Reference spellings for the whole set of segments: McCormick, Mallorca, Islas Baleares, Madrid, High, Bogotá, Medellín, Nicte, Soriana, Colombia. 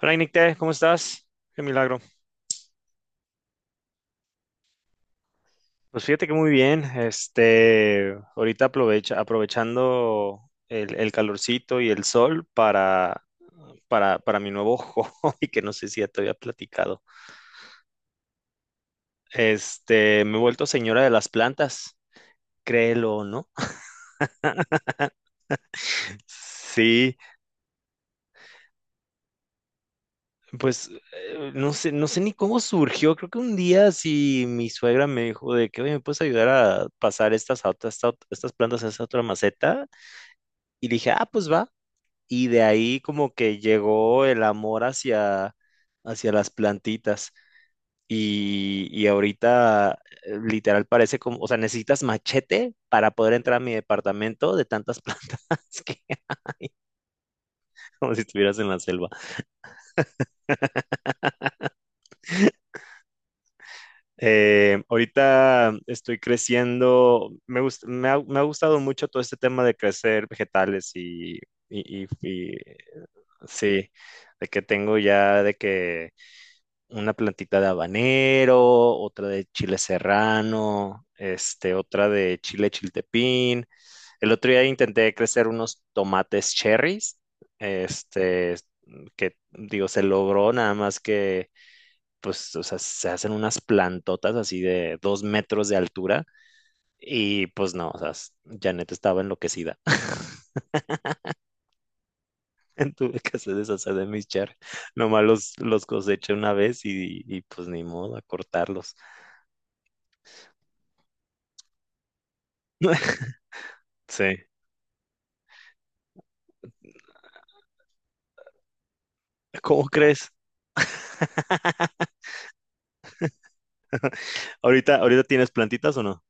Hola, Nicte, ¿cómo estás? Qué milagro. Pues fíjate que muy bien. Ahorita aprovechando el calorcito y el sol para mi nuevo hobby, que no sé si ya te había platicado. Me he vuelto señora de las plantas, créelo o no. Sí, pues no sé ni cómo surgió. Creo que un día sí mi suegra me dijo de que, oye, ¿me puedes ayudar a pasar estas plantas a esta otra maceta? Y dije, ah, pues va. Y de ahí como que llegó el amor hacia las plantitas. Y ahorita literal parece como, o sea, necesitas machete para poder entrar a mi departamento de tantas plantas que como si estuvieras en la selva. Ahorita estoy me ha gustado mucho todo este tema de crecer vegetales y, y- y, sí, de que tengo ya de que una plantita de habanero, otra de chile serrano, otra de chile chiltepín. El otro día intenté crecer unos tomates cherries, este, que digo, se logró nada más que, pues, o sea, se hacen unas plantotas así de 2 metros de altura y pues no, o sea, Janet estaba enloquecida. Tuve que hacer deshacer de mis cherries. Nomás los coseché una vez y pues ni modo a cortarlos. Sí. ¿Cómo crees? ¿Ahorita tienes plantitas o no?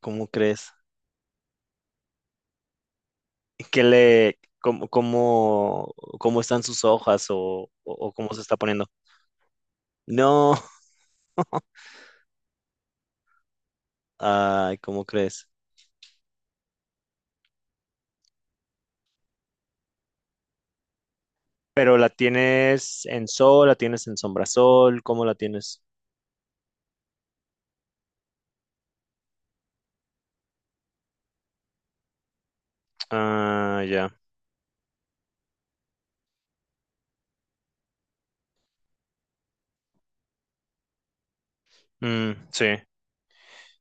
¿Cómo crees? ¿Qué cómo están sus hojas o cómo se está poniendo? No. Ay, ¿cómo crees? Pero la tienes en sol, la tienes en sombrasol, ¿cómo la tienes? Ah, ya. Mm, sí.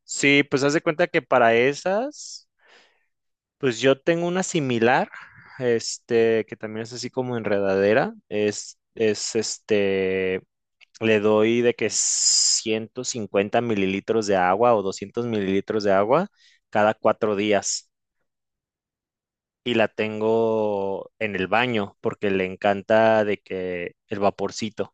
Sí, pues haz de cuenta que para esas. Pues yo tengo una similar, que también es así como enredadera. Le doy de que 150 mililitros de agua o 200 mililitros de agua cada 4 días. Y la tengo en el baño porque le encanta de que el vaporcito.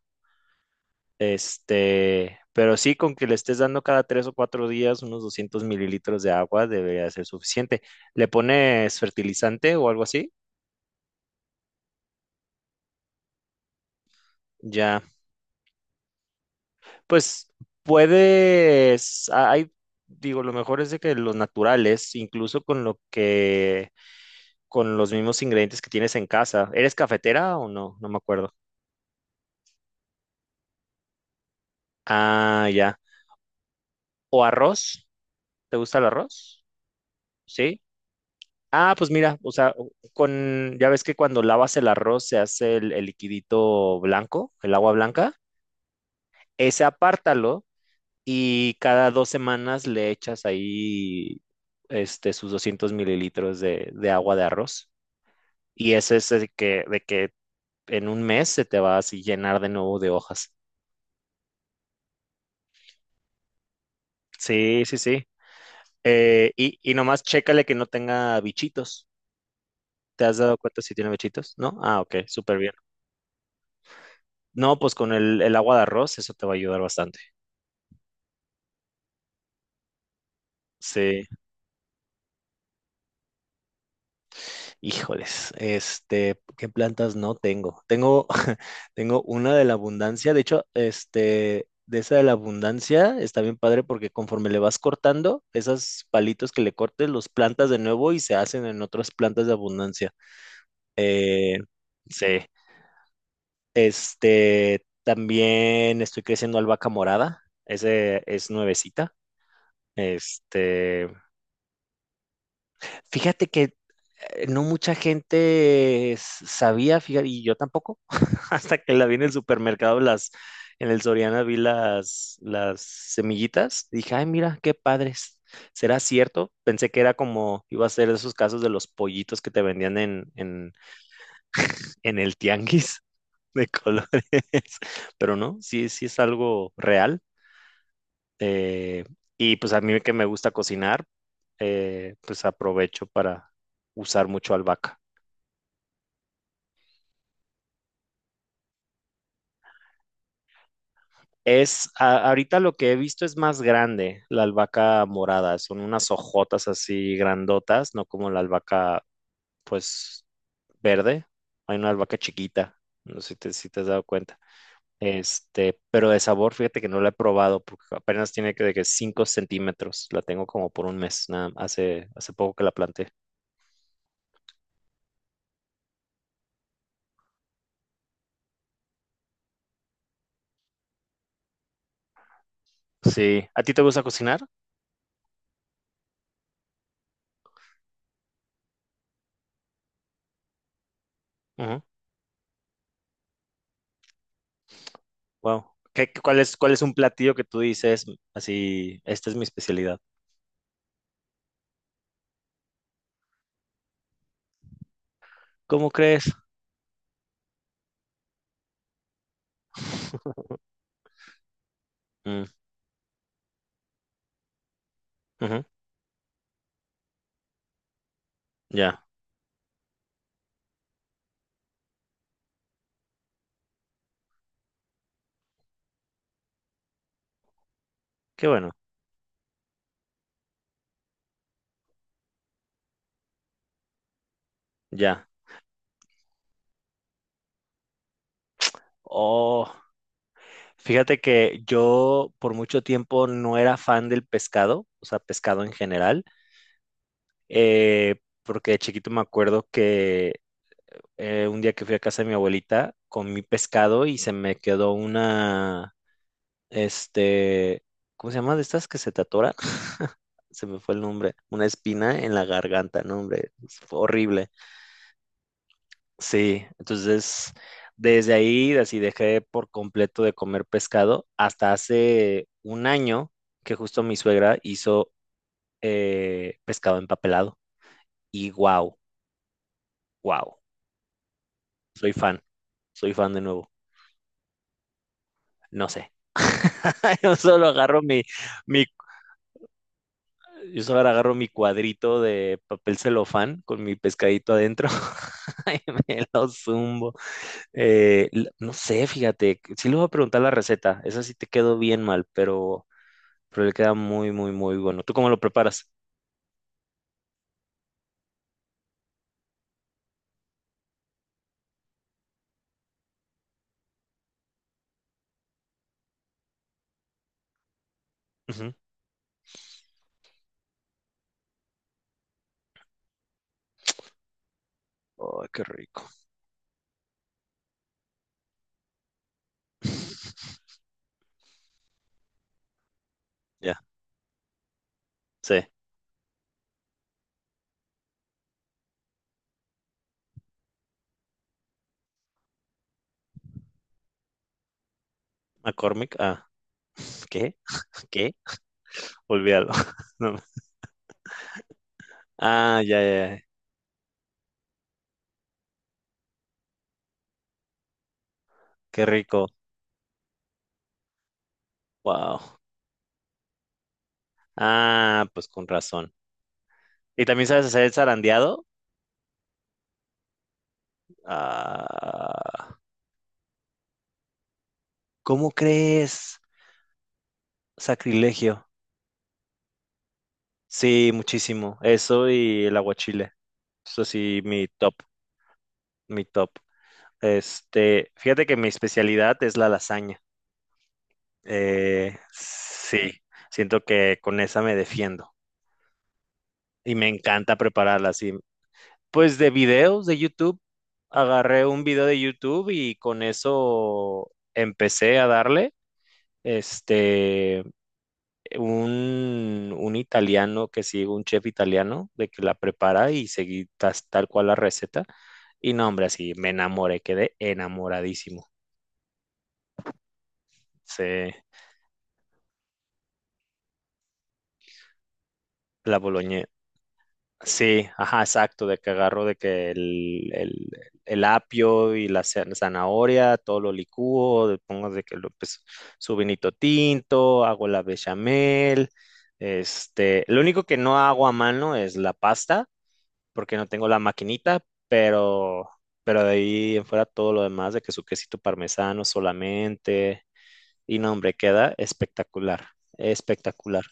Pero sí, con que le estés dando cada 3 o 4 días unos 200 mililitros de agua debería ser suficiente. ¿Le pones fertilizante o algo así? Ya. Pues hay, digo, lo mejor es de que los naturales, incluso con lo con los mismos ingredientes que tienes en casa. ¿Eres cafetera o no? No me acuerdo. Ah, ya. ¿O arroz? ¿Te gusta el arroz? Sí. Ah, pues mira, o sea, con, ya ves que cuando lavas el arroz se hace el liquidito blanco, el agua blanca. Ese apártalo y cada 2 semanas le echas ahí sus 200 mililitros de agua de arroz. Y ese es el que, de que en un mes se te va a así llenar de nuevo de hojas. Sí, sí, sí. Y nomás chécale que no tenga bichitos. ¿Te has dado cuenta si tiene bichitos? ¿No? Ah, ok, súper bien. No, pues con el agua de arroz eso te va a ayudar bastante. Sí. Híjoles, ¿qué plantas no tengo? Tengo, tengo una de la abundancia, de hecho, de esa de la abundancia está bien padre porque conforme le vas cortando, esos palitos que le cortes, los plantas de nuevo y se hacen en otras plantas de abundancia. Eh, sí, también estoy creciendo albahaca morada, ese es nuevecita, este, fíjate que no mucha gente sabía, fíjate, y yo tampoco, hasta que la vi en el supermercado, en el Soriana vi las semillitas, dije, ay, mira, qué padres. ¿Será cierto? Pensé que era como, iba a ser esos casos de los pollitos que te vendían en el tianguis de colores, pero no, sí, sí es algo real. eh, y pues a mí que me gusta cocinar, pues aprovecho para usar mucho albahaca. Ahorita lo que he visto es más grande, la albahaca morada, son unas hojotas así grandotas, no como la albahaca, pues, verde. Hay una albahaca chiquita, no sé si te has dado cuenta. Pero de sabor, fíjate que no la he probado, porque apenas tiene que de que 5 centímetros, la tengo como por un mes, nada, hace poco que la planté. Sí, ¿a ti te gusta cocinar? Ujú. Wow. ¿Cuál es un platillo que tú dices así, esta es mi especialidad? ¿Cómo crees? Mm. Ujú, ya, qué bueno, ya. Oh, fíjate que yo por mucho tiempo no era fan del pescado, o sea, pescado en general, porque de chiquito me acuerdo que un día que fui a casa de mi abuelita comí pescado y se me quedó una, este, ¿cómo se llama? De estas que se te atoran. Se me fue el nombre, una espina en la garganta, no, hombre, fue horrible. Sí, entonces desde ahí así dejé por completo de comer pescado hasta hace un año que justo mi suegra hizo pescado empapelado y wow, wow, soy fan, soy fan de nuevo, no sé, yo solo agarro mi, yo solo agarro mi cuadrito de papel celofán con mi pescadito adentro y me lo zumbo. No sé, fíjate, sí le voy a preguntar la receta, esa sí te quedó bien mal, pero le queda muy, muy, muy bueno. ¿Tú cómo lo preparas? Ujú. Ay, qué rico. Ya, sí. McCormick, ah, ¿qué? ¿Qué? Olvídalo. No. Ah, ya, ya, ya. Qué rico. Wow. Ah, pues con razón. ¿Y también sabes hacer el zarandeado? Ah, ¿cómo crees? Sacrilegio. Sí, muchísimo. Eso y el aguachile. Eso sí, mi top, mi top. Fíjate que mi especialidad es la lasaña. Sí, siento que con esa me defiendo y me encanta prepararla así. Pues de videos de YouTube, agarré un video de YouTube y con eso empecé a darle. Este, un italiano que sigue, un chef italiano, de que la prepara y seguí tal cual la receta. Y no, hombre, así me enamoré, quedé enamoradísimo. Sí, la boloñesa. Sí, ajá, exacto, de que agarro de que el apio y la zanahoria, todo lo licúo, le pongo de que lo, pues, su vinito tinto, hago la bechamel, lo único que no hago a mano es la pasta, porque no tengo la maquinita, pero de ahí en fuera todo lo demás, de que su quesito parmesano solamente, y no, hombre, queda espectacular, espectacular.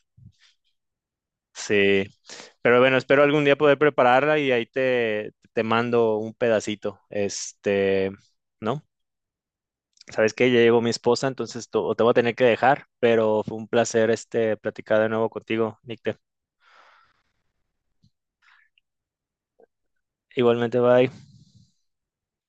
Sí, pero bueno, espero algún día poder prepararla y ahí te mando un pedacito. ¿No? Sabes que ya llegó mi esposa, entonces to- o te voy a tener que dejar, pero fue un placer este platicar de nuevo contigo, Nicte. Igualmente, bye.